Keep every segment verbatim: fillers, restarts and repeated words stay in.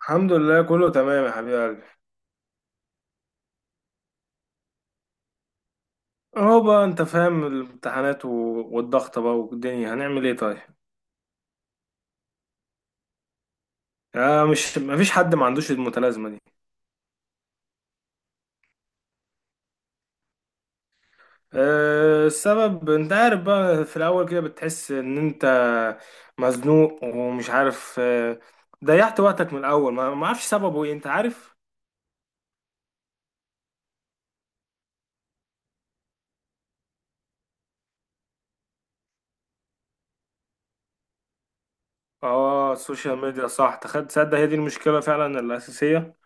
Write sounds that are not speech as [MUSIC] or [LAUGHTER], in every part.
الحمد لله كله تمام يا حبيب قلبي. اهو بقى انت فاهم الامتحانات و- والضغط بقى والدنيا هنعمل ايه طيب؟ آه، مش مفيش حد ما عندوش المتلازمه دي. آه، السبب انت عارف بقى في الاول كده بتحس ان انت مزنوق ومش عارف. آه ضيعت وقتك من الاول ما ما اعرفش سببه ايه انت عارف. اه، السوشيال ميديا صح. تخد تصدق، هي دي المشكله فعلا الاساسيه.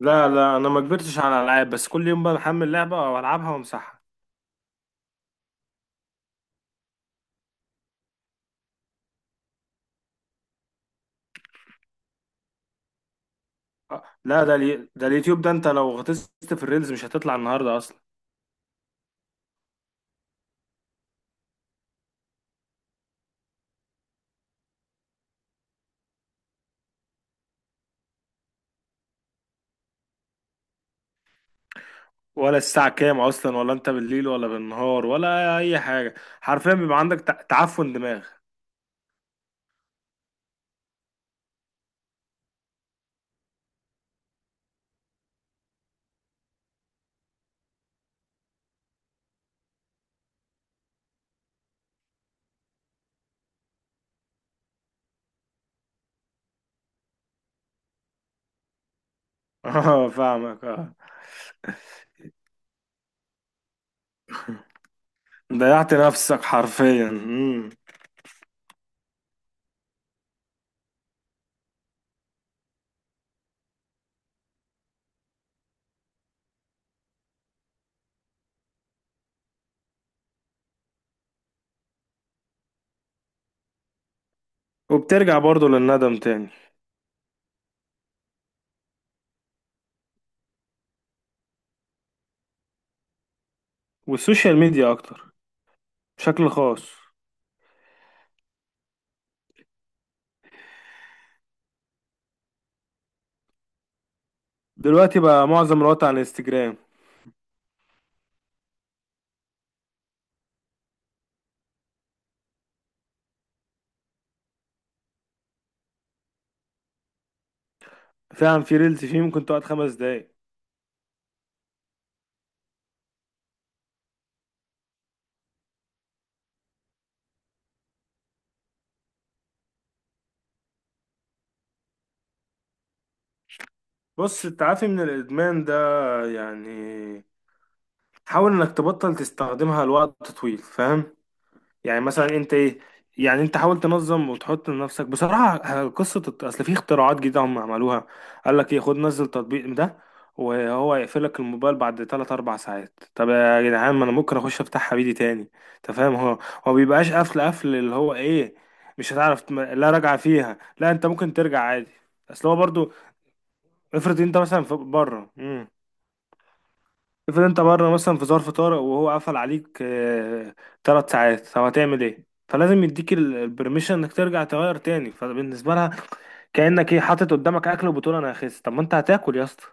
لا لا، انا ما كبرتش على الالعاب، بس كل يوم بقى بحمل لعبه والعبها وامسحها. آه، لا، ده الي... ده اليوتيوب ده، انت لو غطست في الريلز مش هتطلع النهارده اصلا. ولا الساعة كام اصلا، ولا انت بالليل ولا بالنهار ولا اي حاجة. حرفيا بيبقى عندك تع- تعفن دماغ. [LAUGHS] اه، فاهمك اه. ضيعت نفسك حرفيا. مم. وبترجع برضو للندم تاني. والسوشيال ميديا اكتر، بشكل خاص. دلوقتي بقى معظم الوقت على الانستجرام. فعلا في ريلز فيه ممكن تقعد خمس دقايق. بص، التعافي من الادمان ده يعني حاول انك تبطل تستخدمها لوقت طويل، فاهم؟ يعني مثلا انت ايه. يعني انت حاول تنظم وتحط لنفسك بصراحه، ه- قصه الت- اصل في اختراعات جديده هم عملوها. قال لك ايه، خد نزل التطبيق ده وهو يقفل لك الموبايل بعد ثلاث اربع ساعات. طب يا جدعان، ما انا ممكن اخش افتح حبيبي تاني. انت فاهم. هو هو بيبقاش قفل قفل اللي هو ايه. مش هتعرف تم- لا راجعه فيها، لا انت ممكن ترجع عادي. اصل هو برضو، افرض انت مثلا في بره. افرض انت بره مثلا في ظرف طارئ وهو قفل عليك ثلاث ساعات. طب هتعمل ايه؟ فلازم يديك ال- البرميشن انك ترجع تغير تاني. فبالنسبه لها كانك ايه حاطط قدامك اكل وبتقول انا هخس. طب ما انت هتاكل يا اسطى.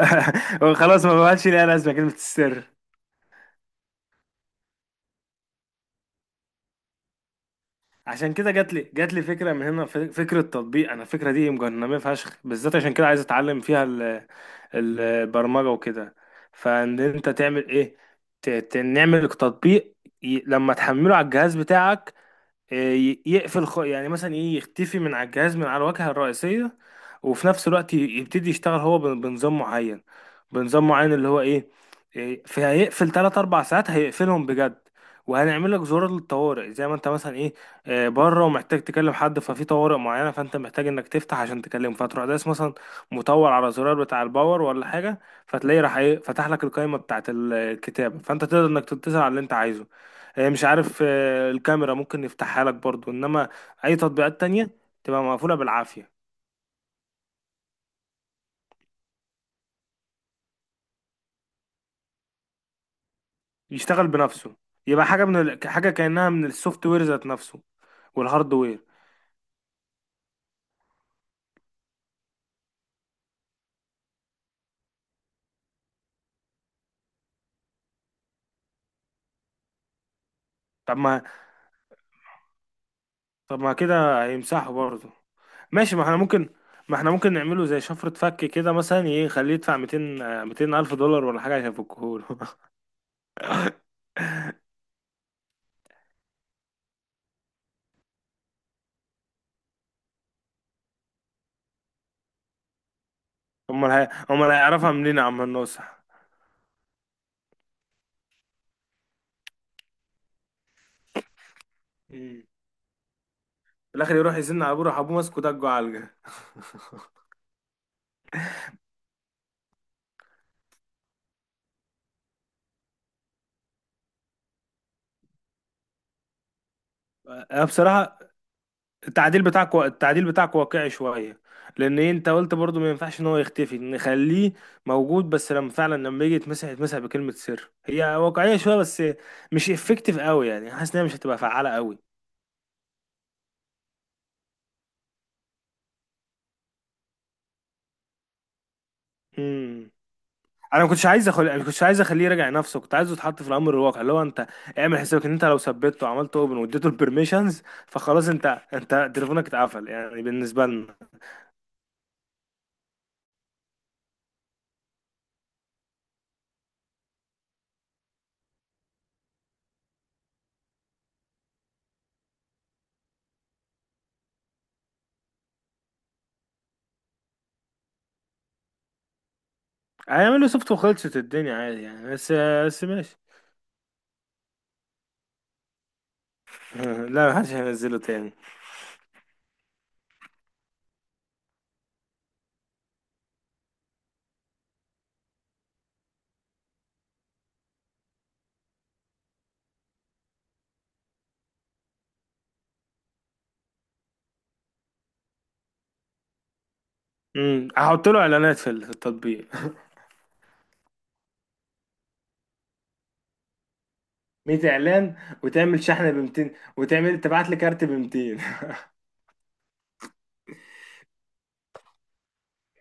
[LAUGHS] خلاص، ما بقاش ليها لازمه كلمه السر. عشان كده جات لي جات لي فكره من هنا، ف- فكره تطبيق. انا الفكره دي مجننه فشخ، بالذات عشان كده عايز اتعلم فيها ال- ال- البرمجه وكده. فان انت تعمل ايه، ت- ت- نعمل تطبيق ي- لما تحمله على الجهاز بتاعك. آه، ي- يقفل خ... يعني مثلا ايه، يختفي من على الجهاز من على الواجهة الرئيسية. وفي نفس الوقت ي- يبتدي يشتغل هو بن- بنظام معين. بنظام معين اللي هو ايه. إيه، في هيقفل ثلاث اربع ساعات، هيقفلهم بجد. وهنعمل لك زرار للطوارئ، زي ما انت مثلا ايه، آه، بره ومحتاج تكلم حد، ففي طوارئ معينه فانت محتاج انك تفتح عشان تكلمه. فتروح داس مثلا مطول على زرار بتاع الباور ولا حاجه، فتلاقيه راح ايه فتح لك القائمه بتاعت ال- الكتاب. فانت تقدر انك تتصل على اللي انت عايزه. هي مش عارف، آه، الكاميرا ممكن يفتحها لك برضو، انما اي تطبيقات تانية تبقى مقفولة بالعافية. يشتغل بنفسه. يبقى حاجة من ال... حاجة كأنها من السوفت وير ذات نفسه والهاردوير. طب ما طب ما كده هيمسحه برضو. ماشي، ما احنا ممكن ما احنا ممكن نعمله زي شفرة فك كده، مثلا ايه يخليه يدفع ميتين، آه، ميتين ألف دولار ولا حاجة عشان يفكهوله. [LAUGHS] امال هي... امال هيعرفها منين يا عم الناصح. مم. في الآخر يروح يزن على أبوه، راح أبوه ماسكه دجه علقة. أه، بصراحة، التعديل بتاعك التعديل بتاعك واقعي شويه، لان إيه، انت قلت برضو ما ينفعش ان هو يختفي، نخليه موجود بس لما فعلا لما يجي يتمسح، يتمسح بكلمه سر. هي واقعيه شويه بس مش افكتيف قوي، يعني حاسس انها مش هتبقى فعاله قوي. امم انا ما كنتش عايز اخلي ما كنتش عايز اخليه يراجع نفسه، كنت عايزه يتحط في الامر الواقع اللي هو انت اعمل حسابك ان انت لو ثبته وعملت اوبن واديته البرميشنز، فخلاص انت انت تليفونك اتقفل، يعني بالنسبه لنا هيعمل له سوفت وخلصت الدنيا عادي يعني. بس بس ماشي. [LAUGHS] لا، محدش هينزله تاني. امم هحط له اعلانات في التطبيق. [LAUGHS] ميه اعلان. وتعمل شحن ب ميتين، وتعمل تبعت لي كارت ب ميتين. [LAUGHS]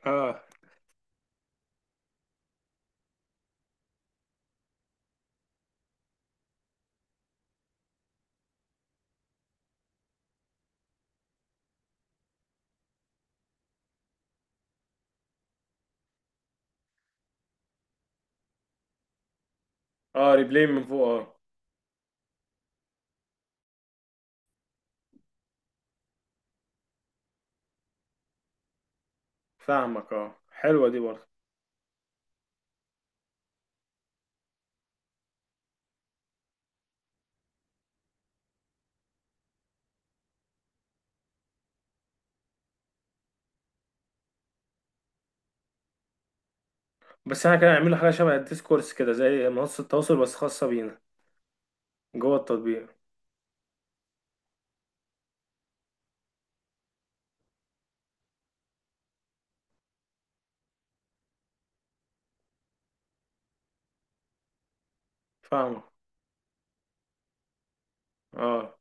اه، اه، ريبلاي من فوق اه. فاهمك، اه، حلوه دي برضه. بس انا كان اعمل له حاجه شبه الديسكورس كده، زي منصه تواصل بس خاصه بينا جوه التطبيق. فاهمك اه.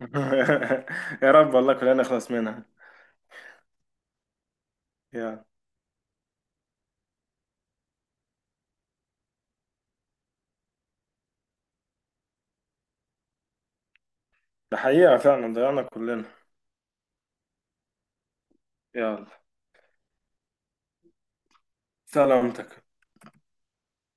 [LAUGHS] يا رب والله كلنا نخلص منها. يلا. ده حقيقه فعلا، ضيعنا كلنا. يلا. سلامتك.